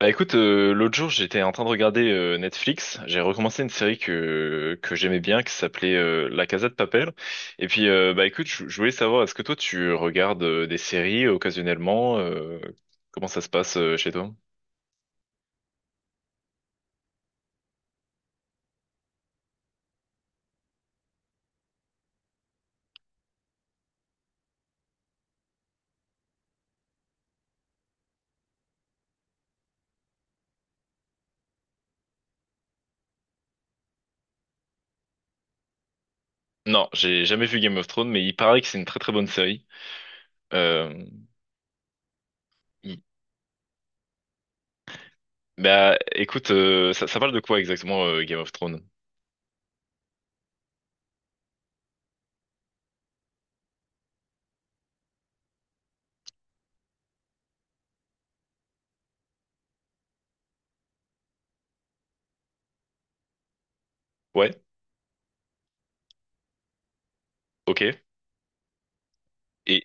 L'autre jour, j'étais en train de regarder Netflix. J'ai recommencé une série que j'aimais bien qui s'appelait La Casa de Papel. Et puis je voulais savoir, est-ce que toi tu regardes des séries occasionnellement, comment ça se passe chez toi? Non, j'ai jamais vu Game of Thrones, mais il paraît que c'est une très très bonne série. Euh, il- Bah écoute, ça, ça parle de quoi exactement Game of Thrones? Ouais, ok. Et,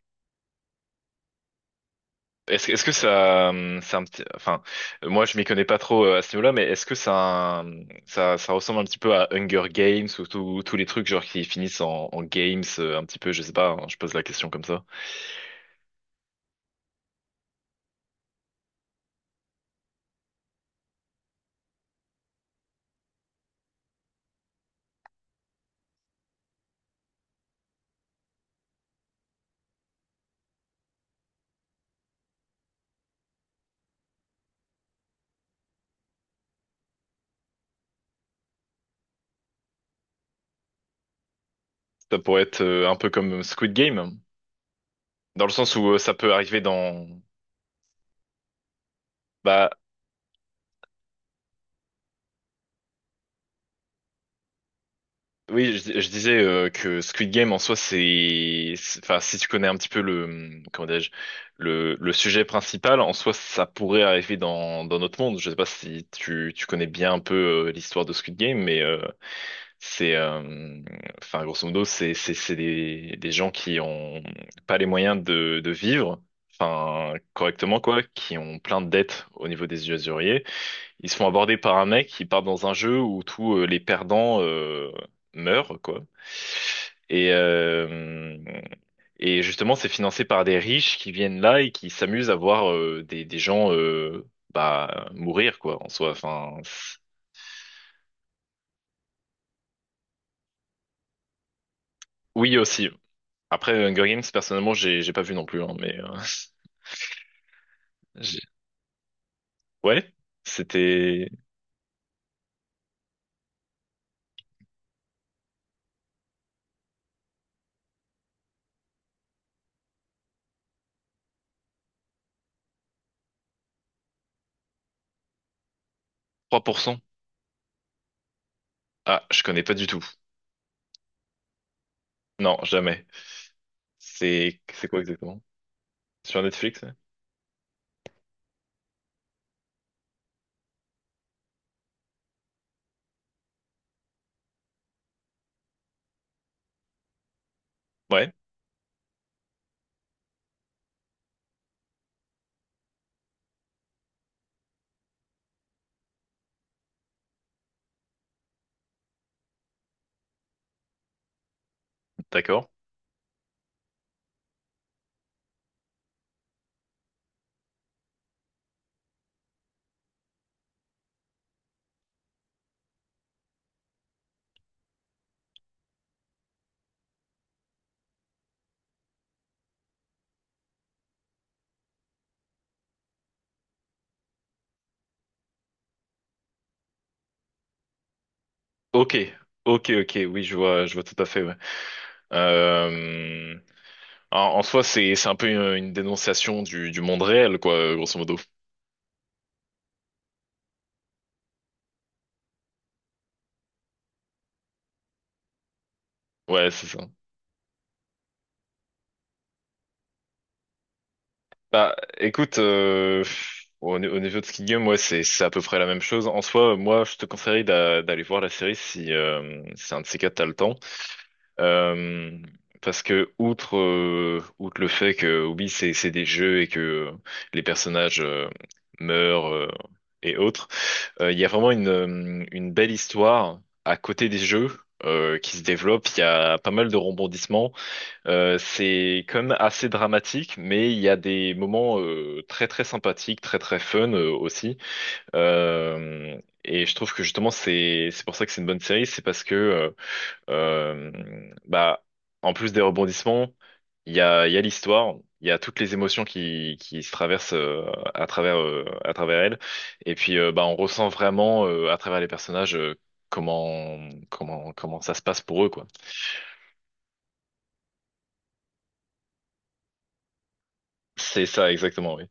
Est-ce, est-ce que ça, c'est un petit, enfin, moi je m'y connais pas trop à ce niveau-là, mais est-ce que ça, ça, ça ressemble un petit peu à Hunger Games ou tous les trucs genre qui finissent en, en games un petit peu, je sais pas, hein, je pose la question comme ça. Ça pourrait être un peu comme Squid Game, dans le sens où ça peut arriver dans, bah, oui, je disais que Squid Game en soi, enfin, si tu connais un petit peu le, comment dirais-je, le sujet principal, en soi, ça pourrait arriver dans, dans notre monde. Je sais pas si tu, tu connais bien un peu l'histoire de Squid Game, mais c'est, enfin, grosso modo, c'est des gens qui ont pas les moyens de vivre, enfin, correctement quoi, qui ont plein de dettes au niveau des usuriers. Ils se font aborder par un mec qui part dans un jeu où tous les perdants meurent, quoi. Et, euh, et justement, c'est financé par des riches qui viennent là et qui s'amusent à voir des gens bah, mourir, quoi, en soi. Oui, aussi. Après, Hunger Games, personnellement, j'ai pas vu non plus, hein, mais j'ai- ouais, c'était trois pour cent. Ah, je connais pas du tout. Non, jamais. C'est quoi exactement? Sur Netflix? Ouais, ouais, d'accord. Ok, ok, oui, je vois tout à fait, ouais. Euh, En, en soi, c'est un peu une dénonciation du monde réel, quoi, grosso modo. Ouais, c'est ça. Bah, écoute, au, au niveau de Squid Game, ouais, c'est à peu près la même chose. En soi, moi, je te conseillerais d'aller voir la série si c'est un de ces quatre, t'as le temps. Euh, Parce que outre outre le fait que oui, c'est des jeux et que les personnages meurent, et autres, il y a vraiment une belle histoire à côté des jeux qui se développe. Il y a pas mal de rebondissements. C'est quand même assez dramatique, mais il y a des moments très très sympathiques, très très fun aussi. Et je trouve que justement c'est pour ça que c'est une bonne série, c'est parce que euh, bah en plus des rebondissements, il y a l'histoire, il y a toutes les émotions qui se traversent à travers elle. Et puis bah on ressent vraiment à travers les personnages comment comment ça se passe pour eux, quoi. C'est ça exactement, oui.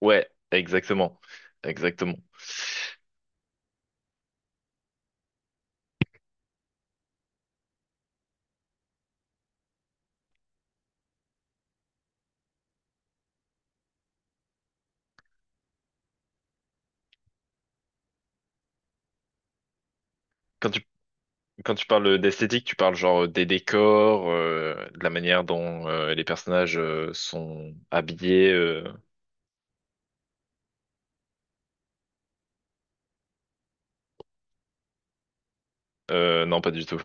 Ouais, exactement. Exactement. Quand tu, quand tu parles d'esthétique, tu parles genre des décors, de la manière dont les personnages sont habillés, non, pas du tout.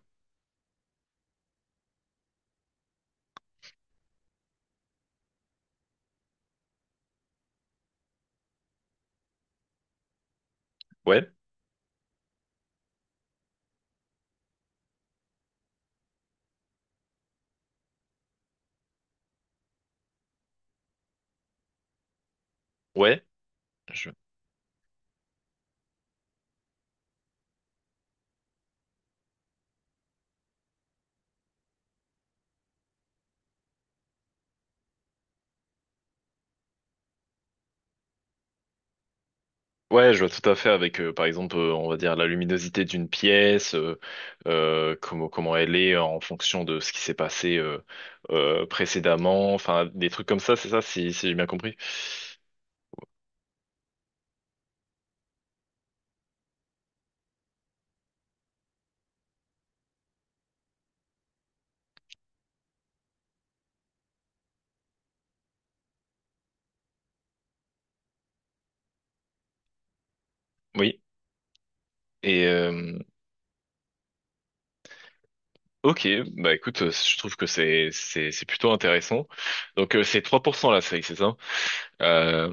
Ouais, ouais. Je... Ouais, je vois tout à fait avec, par exemple, on va dire la luminosité d'une pièce, comment, comment elle est en fonction de ce qui s'est passé précédemment, enfin, des trucs comme ça, c'est ça, si, si j'ai bien compris. Oui. Et, euh, Ok, bah écoute, je trouve que c'est c'est plutôt intéressant. Donc c'est 3% la série, c'est ça? Euh,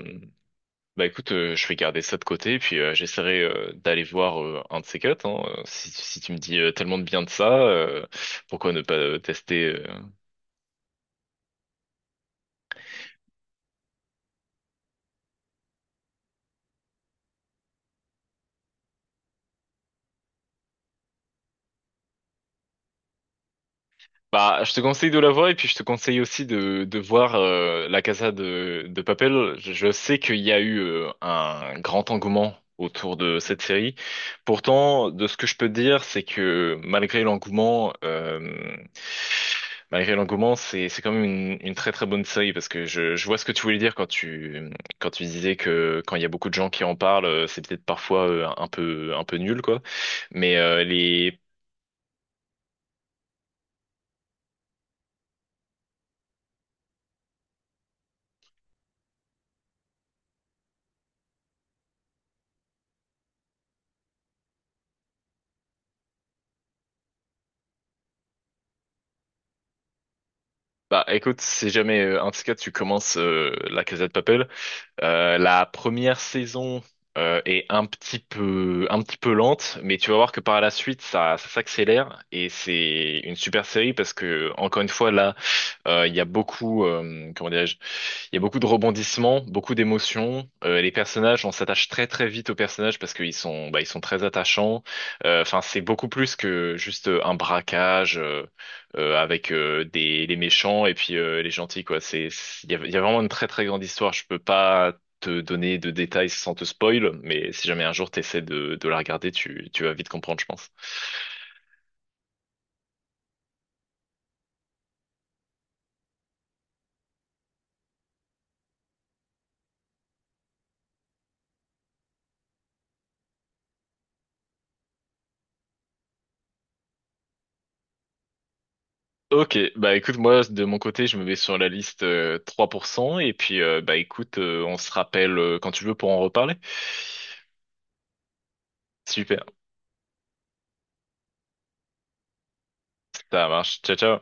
Bah écoute, je vais garder ça de côté, puis j'essaierai d'aller voir un de ces quatre, hein. Si si tu me dis tellement de bien de ça, pourquoi ne pas tester? Bah, je te conseille de la voir et puis je te conseille aussi de voir La Casa de Papel. Je sais qu'il y a eu un grand engouement autour de cette série. Pourtant, de ce que je peux dire, c'est que malgré l'engouement, c'est quand même une très très bonne série parce que je vois ce que tu voulais dire quand tu disais que quand il y a beaucoup de gens qui en parlent, c'est peut-être parfois un peu nul, quoi. Mais les bah écoute, si jamais, en tout cas, tu commences La Casa de Papel, la première saison est un petit peu lente, mais tu vas voir que par la suite, ça s'accélère et c'est une super série parce que, encore une fois, là, il y a beaucoup, comment dirais-je, il y a beaucoup de rebondissements, beaucoup d'émotions. Les personnages, on s'attache très très vite aux personnages parce qu'ils sont, bah, ils sont très attachants. Enfin, c'est beaucoup plus que juste un braquage, avec des les méchants et puis les gentils, quoi. C'est il y a vraiment une très très grande histoire. Je peux pas te donner de détails sans te spoil, mais si jamais un jour t'essaies de la regarder, tu tu vas vite comprendre, je pense. Ok, bah écoute, moi de mon côté, je me mets sur la liste 3% et puis on se rappelle quand tu veux pour en reparler. Super, ça marche. Ciao, ciao.